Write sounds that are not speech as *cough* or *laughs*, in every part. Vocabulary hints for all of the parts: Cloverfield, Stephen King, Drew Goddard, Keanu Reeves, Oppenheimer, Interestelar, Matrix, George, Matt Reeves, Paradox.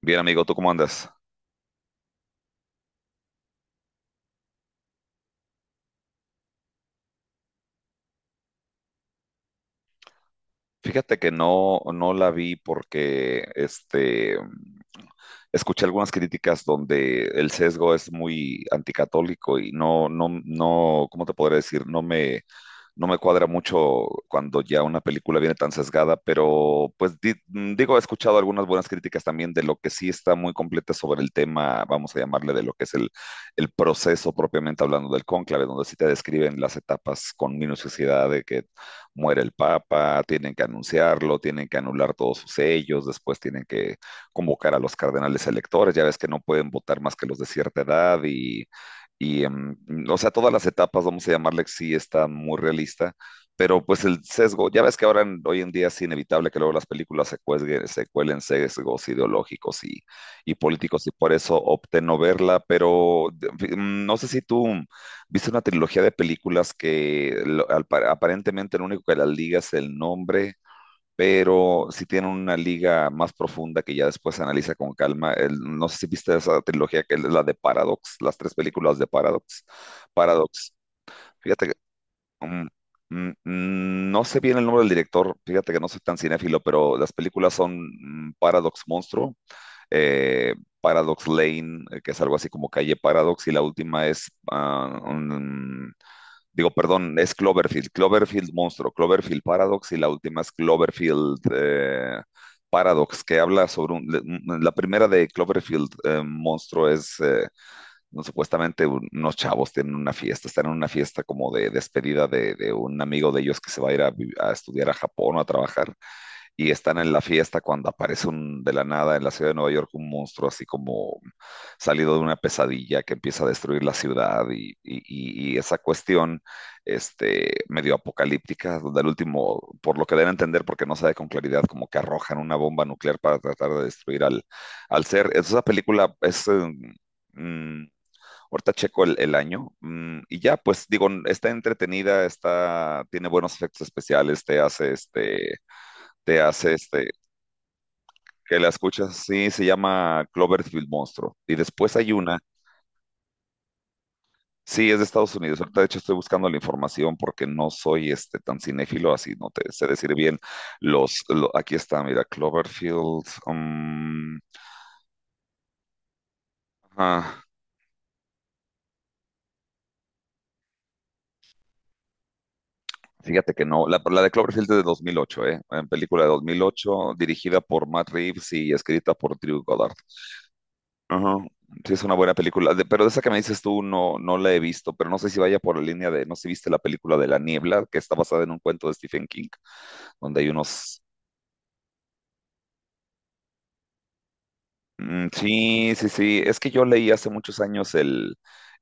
Bien, amigo, ¿tú cómo andas? Fíjate que no, no la vi porque escuché algunas críticas donde el sesgo es muy anticatólico y no, no, no, ¿cómo te podría decir? No me cuadra mucho cuando ya una película viene tan sesgada, pero pues digo, he escuchado algunas buenas críticas también de lo que sí está muy completa sobre el tema, vamos a llamarle de lo que el proceso propiamente hablando del cónclave, donde sí te describen las etapas con minuciosidad de que muere el Papa, tienen que anunciarlo, tienen que anular todos sus sellos, después tienen que convocar a los cardenales electores, ya ves que no pueden votar más que los de cierta edad y, o sea, todas las etapas, vamos a llamarle, sí está muy realista, pero pues el sesgo, ya ves que hoy en día es inevitable que luego las películas se cuelen sesgos ideológicos y políticos y por eso opté no verla, pero no sé si tú... Viste una trilogía de películas que aparentemente lo único que las liga es el nombre, pero sí tienen una liga más profunda que ya después se analiza con calma. No sé si viste esa trilogía, que es la de Paradox, las tres películas de Paradox. Paradox. Fíjate que mm, no sé bien el nombre del director, fíjate que no soy tan cinéfilo, pero las películas son Paradox Monstruo, eh, Paradox Lane, que es algo así como calle Paradox, y la última es, digo, perdón, es Cloverfield, Cloverfield Monstruo, Cloverfield Paradox, y la última es Cloverfield Paradox, que habla sobre la primera de Cloverfield Monstruo es, no, supuestamente unos chavos tienen una fiesta, están en una fiesta como de despedida de un amigo de ellos que se va a ir a, a estudiar a Japón o a trabajar y están en la fiesta cuando aparece un, de la nada en la ciudad de Nueva York un monstruo así como salido de una pesadilla que empieza a destruir la ciudad y esa cuestión medio apocalíptica, donde al último, por lo que deben entender, porque no sabe con claridad, como que arrojan una bomba nuclear para tratar de destruir al ser. Esa película es... mm, Ahorita checo el año y ya, pues digo, está entretenida, está, tiene buenos efectos especiales, te hace este, que la escuchas, sí, se llama Cloverfield Monstruo. Y después hay una, sí, es de Estados Unidos. Ahorita, de hecho, estoy buscando la información porque no soy tan cinéfilo, así no te sé decir bien aquí está, mira, Cloverfield. Ah, fíjate que no, la de Cloverfield es de 2008, ¿eh? En película de 2008, dirigida por Matt Reeves y escrita por Drew Goddard. Ajá. Sí, es una buena película. Pero de esa que me dices tú no, no la he visto, pero no sé si vaya por la línea de, no sé si viste la película de La Niebla, que está basada en un cuento de Stephen King, donde hay unos... Mm, sí, sí, sí. Es que yo leí hace muchos años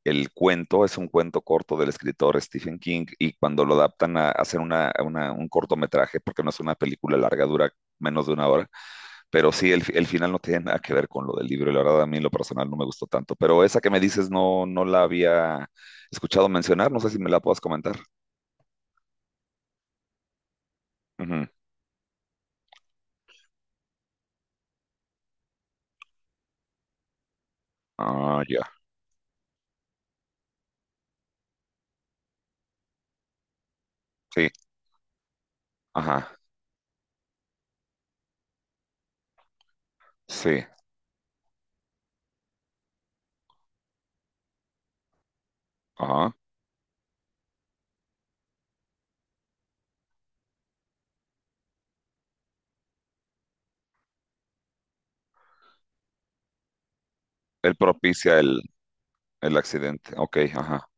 el cuento, es un cuento corto del escritor Stephen King, y cuando lo adaptan a hacer una, a un cortometraje, porque no es una película larga, dura menos de una hora, pero sí, el final no tiene nada que ver con lo del libro, y la verdad a mí en lo personal no me gustó tanto. Pero esa que me dices no, no la había escuchado mencionar, no sé si me la puedas comentar. Ujú. Ah, ya. Sí, ajá, sí, ajá. Él propicia el accidente, ok, ajá.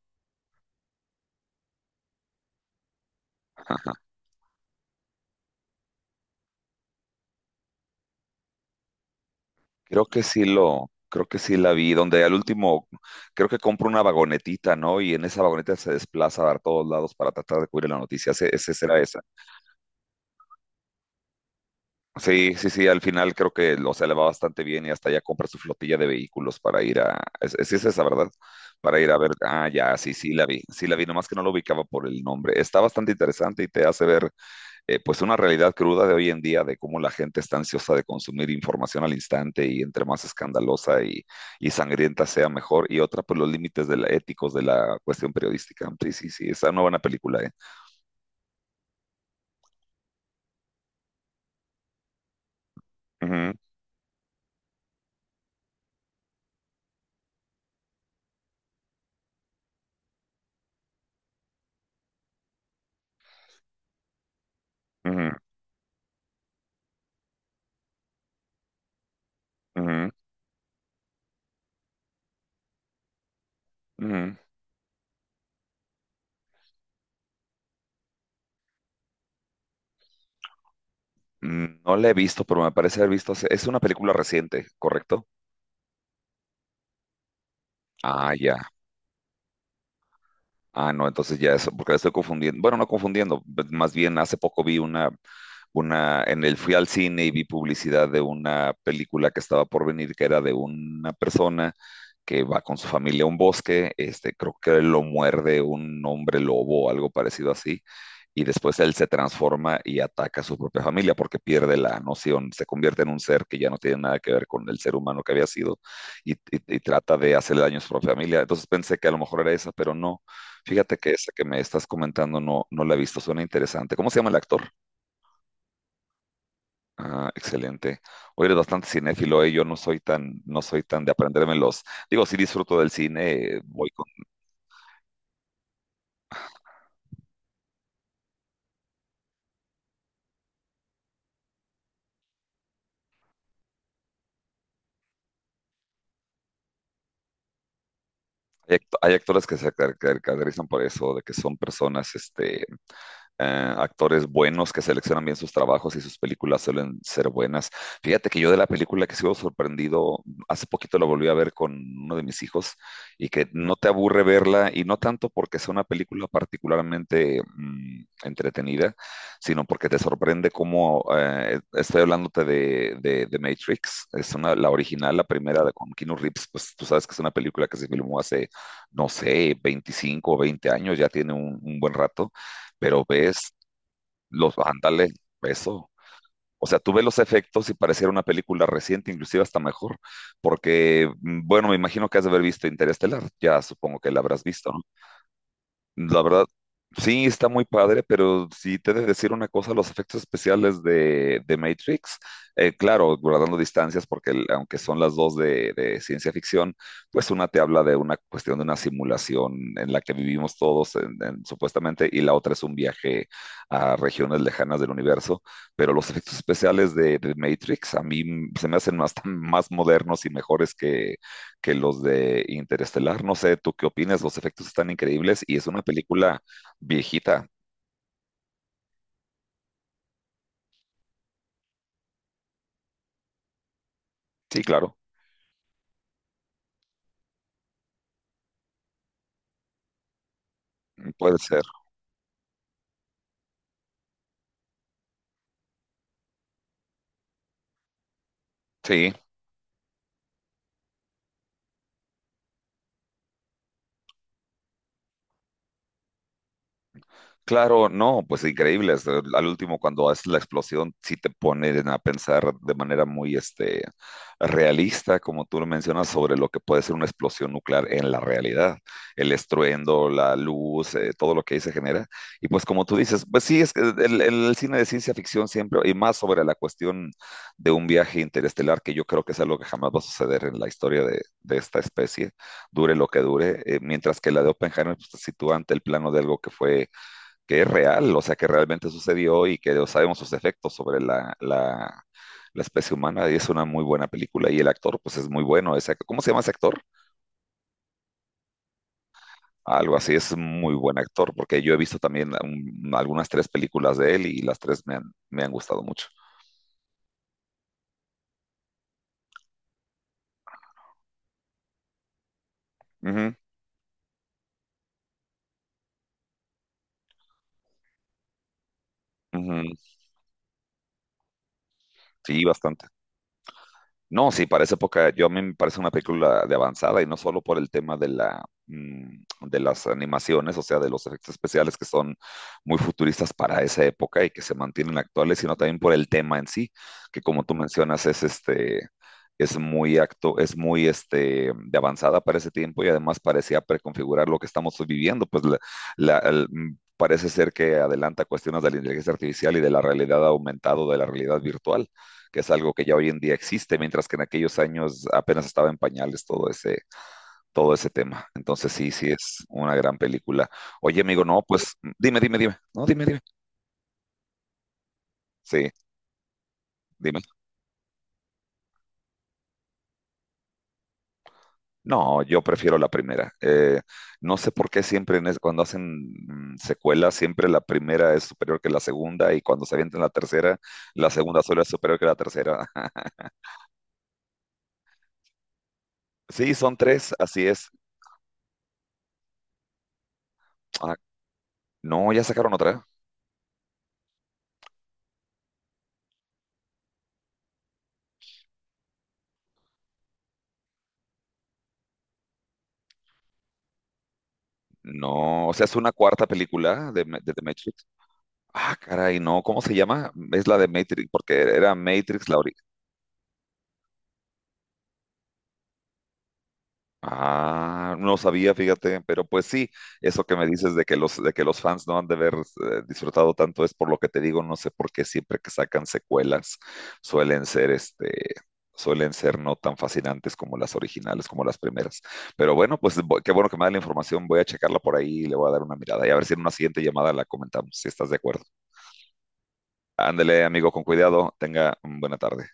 Creo que sí la vi, donde al último, creo que compra una vagonetita, ¿no? Y en esa vagoneta se desplaza a todos lados para tratar de cubrir la noticia. Ese será esa. Sí, sí, sí, al final creo que lo se le va bastante bien y hasta ya compra su flotilla de vehículos para ir a, sí es esa, ¿verdad? Para ir a ver, ah, ya, sí, sí la vi, nomás que no lo ubicaba por el nombre. Está bastante interesante y te hace ver pues una realidad cruda de hoy en día de cómo la gente está ansiosa de consumir información al instante y entre más escandalosa y sangrienta sea mejor. Y otra, pues los límites de la, éticos de la cuestión periodística. Sí, sí, sí, esa no buena película, ¿eh? Ujú, ujú, ujú, ujú. Mm, no la he visto, pero me parece haber visto. Es una película reciente, ¿correcto? Ah, ya. Ah, no, entonces ya eso, porque la estoy confundiendo. Bueno, no confundiendo, más bien hace poco vi una, en el fui al cine y vi publicidad de una película que estaba por venir, que era de una persona que va con su familia a un bosque, creo que lo muerde un hombre lobo o algo parecido así, y después él se transforma y ataca a su propia familia porque pierde la noción, se convierte en un ser que ya no tiene nada que ver con el ser humano que había sido y, y y trata de hacerle daño a su propia familia. Entonces pensé que a lo mejor era esa, pero no. Fíjate que esa que me estás comentando no, no la he visto, suena interesante. ¿Cómo se llama el actor? Ah, excelente. Hoy eres bastante cinéfilo, ¿eh? Yo no soy tan, no soy tan de aprenderme los. Digo, sí disfruto del cine, voy con. Hay, hay actores que se caracterizan por eso, de que son personas, actores buenos que seleccionan bien sus trabajos y sus películas suelen ser buenas. Fíjate que yo de la película que sigo sorprendido, hace poquito la volví a ver con uno de mis hijos y que no te aburre verla y no tanto porque sea una película particularmente entretenida, sino porque te sorprende cómo, estoy hablándote de Matrix, es una, la original, la primera de, con Keanu Reeves, pues tú sabes que es una película que se filmó hace, no sé, 25 o 20 años, ya tiene un buen rato, pero ves ándale, eso. O sea, tú ves los efectos y pareciera una película reciente, inclusive hasta mejor, porque, bueno, me imagino que has de haber visto Interestelar, ya supongo que la habrás visto, ¿no? La verdad, sí, está muy padre, pero si te he de decir una cosa, los efectos especiales de Matrix, claro, guardando distancias, porque aunque son las dos de ciencia ficción, pues una te habla de una cuestión de una simulación en la que vivimos todos, supuestamente, y la otra es un viaje a regiones lejanas del universo, pero los efectos especiales de Matrix a mí se me hacen hasta *laughs* más modernos y mejores que los de Interestelar. No sé, ¿tú qué opinas? Los efectos están increíbles y es una película viejita. Sí, claro, puede ser. Sí, claro, no, pues increíble. Al último, cuando haces la explosión, sí te ponen a pensar de manera muy realista, como tú lo mencionas, sobre lo que puede ser una explosión nuclear en la realidad. El estruendo, la luz, todo lo que ahí se genera. Y pues como tú dices, pues sí, es que el cine de ciencia ficción siempre, y más sobre la cuestión de un viaje interestelar, que yo creo que es algo que jamás va a suceder en la historia de esta especie, dure lo que dure, mientras que la de Oppenheimer pues, se sitúa ante el plano de algo que fue que es real, o sea, que realmente sucedió y que sabemos sus efectos sobre la especie humana y es una muy buena película y el actor pues es muy bueno. Ese, ¿cómo se llama ese actor? Algo así, es muy buen actor porque yo he visto también algunas tres películas de él y las tres me han gustado mucho. Ujú, ujú, sí, bastante. No, sí, para esa época yo a mí me parece una película de avanzada y no solo por el tema de la de las animaciones, o sea, de los efectos especiales que son muy futuristas para esa época y que se mantienen actuales, sino también por el tema en sí, que como tú mencionas es es muy acto, es muy este de avanzada para ese tiempo y además parecía preconfigurar lo que estamos viviendo, pues parece ser que adelanta cuestiones de la inteligencia artificial y de la realidad aumentada, o de la realidad virtual que es algo que ya hoy en día existe, mientras que en aquellos años apenas estaba en pañales todo ese tema. Entonces sí, sí es una gran película. Oye, amigo, no, pues dime, dime, dime. No, dime, dime. Sí, dime. No, yo prefiero la primera. No sé por qué siempre cuando hacen secuelas, siempre la primera es superior que la segunda y cuando se avientan la tercera, la segunda solo es superior que la tercera. *laughs* Sí, son tres, así es. Ah, no, ya sacaron otra. No, o sea, es una cuarta película de, de The Matrix. Ah, caray, no, ¿cómo se llama? Es la de Matrix, porque era Matrix ah, no sabía, fíjate, pero pues sí, eso que me dices de que de que los fans no han de haber disfrutado tanto es por lo que te digo, no sé por qué siempre que sacan secuelas suelen ser suelen ser no tan fascinantes como las originales, como las primeras. Pero bueno, pues qué bueno que me da la información, voy a checarla por ahí y le voy a dar una mirada y a ver si en una siguiente llamada la comentamos, si estás de acuerdo. Ándele, amigo, con cuidado, tenga buena tarde.